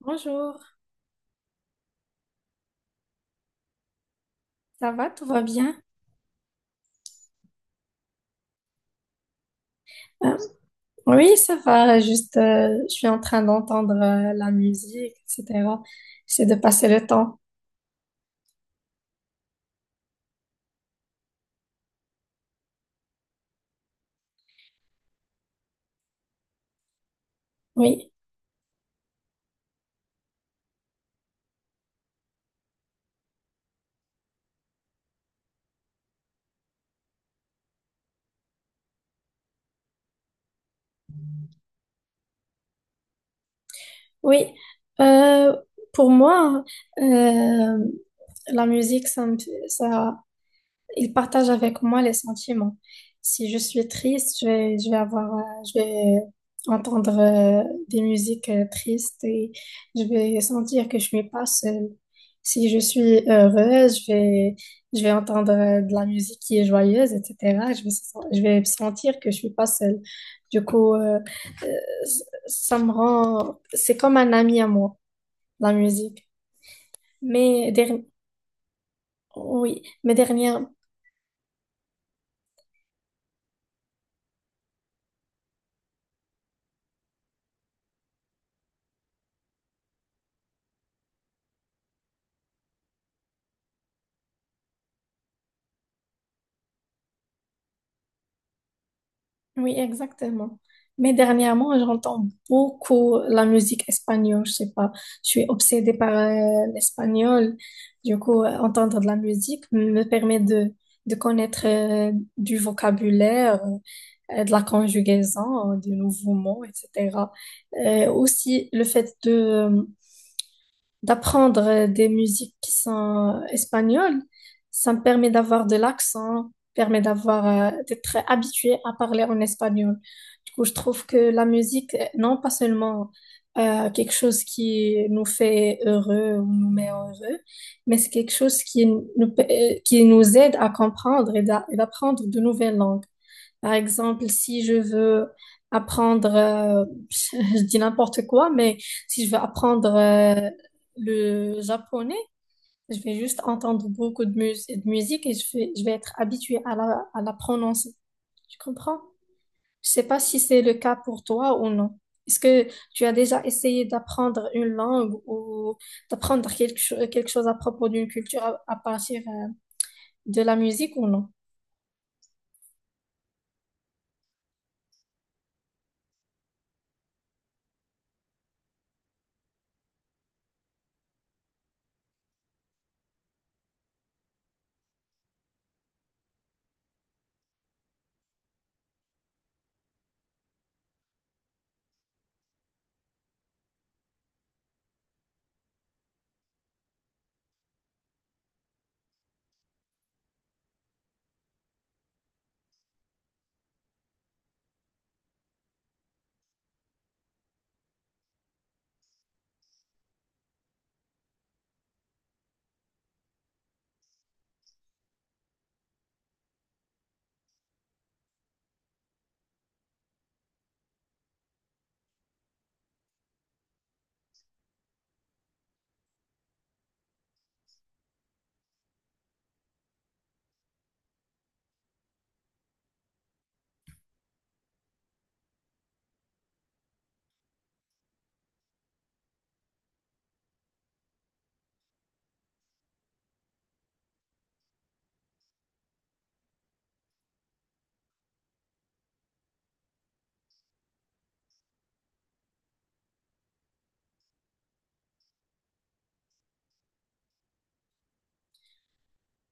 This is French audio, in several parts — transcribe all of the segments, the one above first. Bonjour, ça va, tout va bien? Euh, oui, ça va, juste je suis en train d'entendre la musique, etc. J'essaie de passer le temps. Oui, oui. Euh, pour moi, euh, la musique, ça, il partage avec moi les sentiments. Si je suis triste, je vais avoir, je vais entendre des musiques tristes et je vais sentir que je suis pas seule. Si je suis heureuse, je vais entendre de la musique qui est joyeuse, etc. Je vais sentir que je suis pas seule. Du coup, euh, ça me rend, c'est comme un ami à moi, la musique. Mais derni- oui, mais dernière. Oui, exactement. Mais dernièrement, j'entends beaucoup la musique espagnole. Je sais pas, je suis obsédée par l'espagnol. Du coup, entendre de la musique me permet de connaître du vocabulaire, de la conjugaison, de nouveaux mots, etc. Aussi, le fait de, d'apprendre des musiques qui sont espagnoles, ça me permet d'avoir de l'accent, permet d'avoir, d'être habitué à parler en espagnol. Du coup, je trouve que la musique, non pas seulement quelque chose qui nous fait heureux ou nous met heureux, mais c'est quelque chose qui nous aide à comprendre et d'apprendre de nouvelles langues. Par exemple, si je veux apprendre, je dis n'importe quoi, mais si je veux apprendre le japonais, je vais juste entendre beaucoup de musique et je vais être habituée à la prononcer. Tu comprends? Je sais pas si c'est le cas pour toi ou non. Est-ce que tu as déjà essayé d'apprendre une langue ou d'apprendre quelque chose à propos d'une culture à partir de la musique ou non?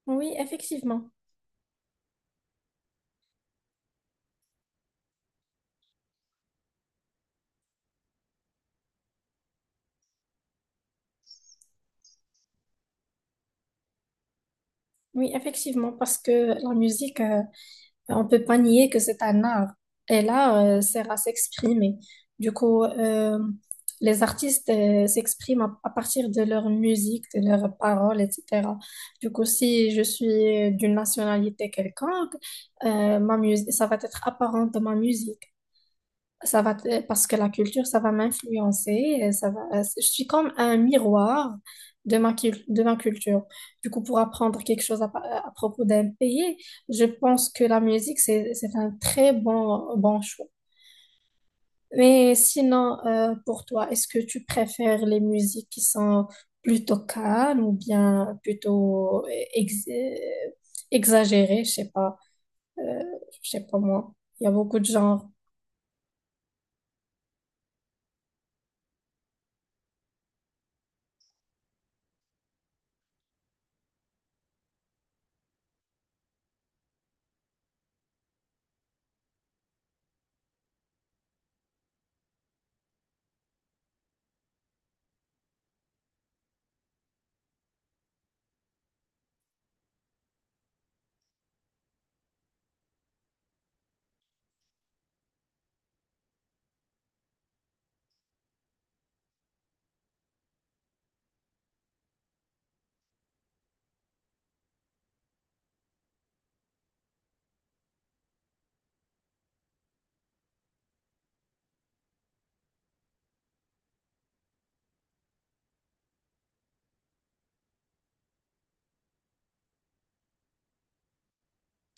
Oui, effectivement. Oui, effectivement, parce que la musique, on peut pas nier que c'est un art. Et là, c'est à s'exprimer. Du coup, les artistes s'expriment à partir de leur musique, de leurs paroles, etc. Du coup, si je suis d'une nationalité quelconque, ma musique, ça va être apparent dans ma musique. Parce que la culture, ça va m'influencer. Ça va, je suis comme un miroir de de ma culture. Du coup, pour apprendre quelque chose à propos d'un pays, je pense que la musique, c'est un très bon choix. Mais sinon, pour toi, est-ce que tu préfères les musiques qui sont plutôt calmes ou bien plutôt ex- euh, exagérées? Euh, je sais pas moi. Il y a beaucoup de genres.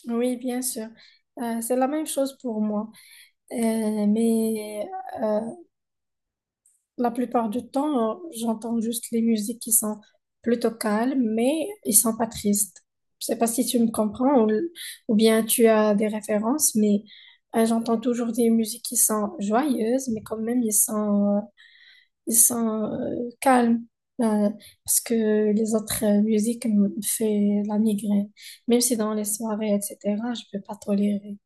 Oui, bien sûr. C'est la même chose pour moi. Euh, mais euh, la plupart du temps, j'entends juste les musiques qui sont plutôt calmes, mais ils sont pas tristes. Je sais pas si tu me comprends ou bien tu as des références, mais j'entends toujours des musiques qui sont joyeuses, mais quand même, ils sont calmes. Euh, Parce que les autres musiques me font la migraine. Même si dans les soirées, etc., je peux pas tolérer.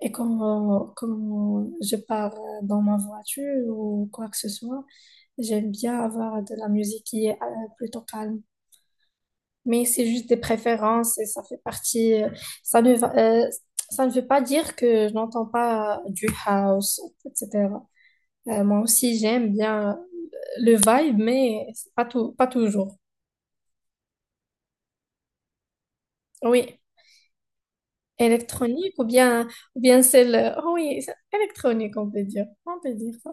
Et comme je pars dans ma voiture ou quoi que ce soit, j'aime bien avoir de la musique qui est plutôt calme. Mais c'est juste des préférences et ça fait partie. Ça ne va, euh, ça ne veut pas dire que je n'entends pas du house, etc. Moi aussi, j'aime bien le vibe, mais c'est pas tout, pas toujours. Oui, électronique ou bien celle. Oh oui, c'est électronique, on peut dire. On peut dire ça.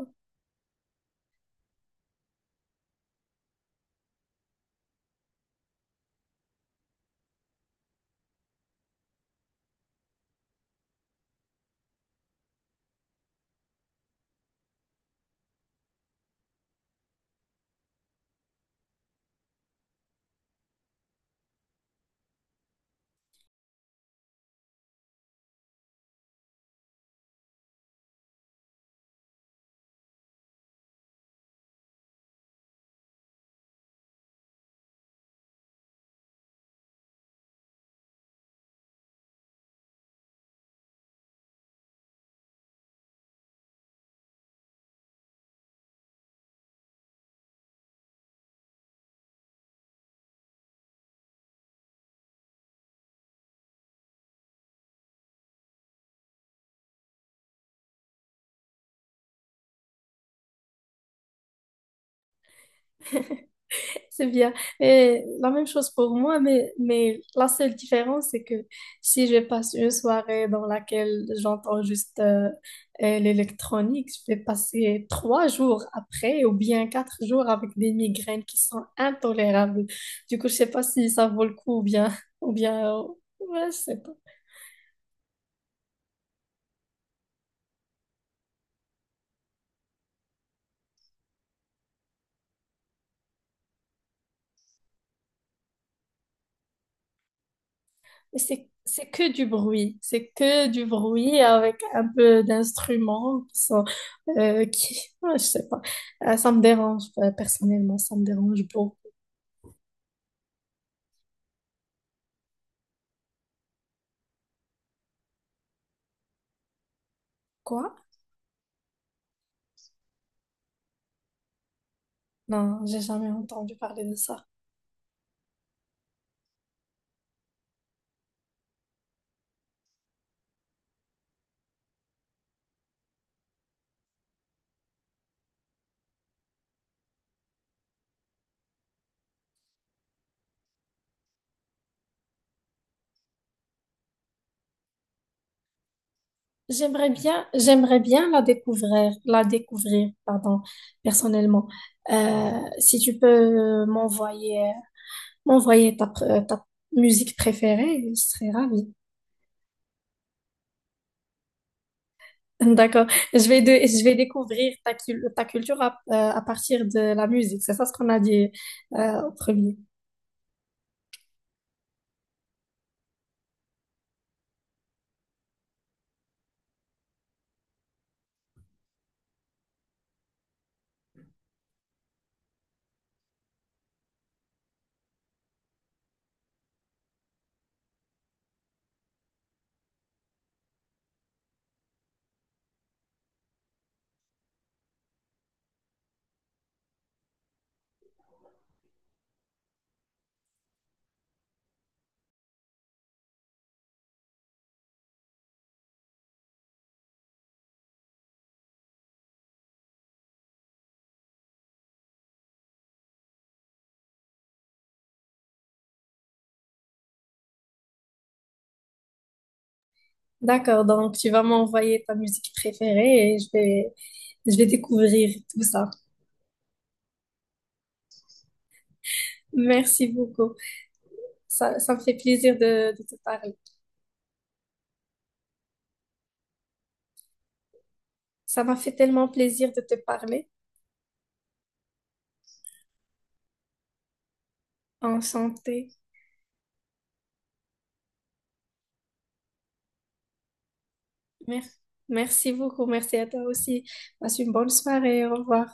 C'est bien. Et la même chose pour moi, mais la seule différence, c'est que si je passe une soirée dans laquelle j'entends juste l'électronique, je vais passer trois jours après ou bien quatre jours avec des migraines qui sont intolérables. Du coup, je sais pas si ça vaut le coup ou bien, ou bien, ouais, je sais pas. Mais c'est que du bruit. C'est que du bruit avec un peu d'instruments qui sont qui... ouais, je sais pas. Ça me dérange, personnellement, ça me dérange beaucoup. Quoi? Non, j'ai jamais entendu parler de ça. J'aimerais bien la découvrir, pardon, personnellement. Euh, Si tu peux euh, m'envoyer, m'envoyer ta musique préférée, je serais ravie. D'accord. Je vais découvrir ta culture à partir de la musique. C'est ça ce qu'on a dit, au premier. D'accord, donc tu vas m'envoyer ta musique préférée et je vais découvrir tout ça. Merci beaucoup. Ça me fait plaisir de te parler. Ça m'a fait tellement plaisir de te parler. Enchantée. Mer- Merci beaucoup. Merci à toi aussi. Passe une bonne soirée. Au revoir.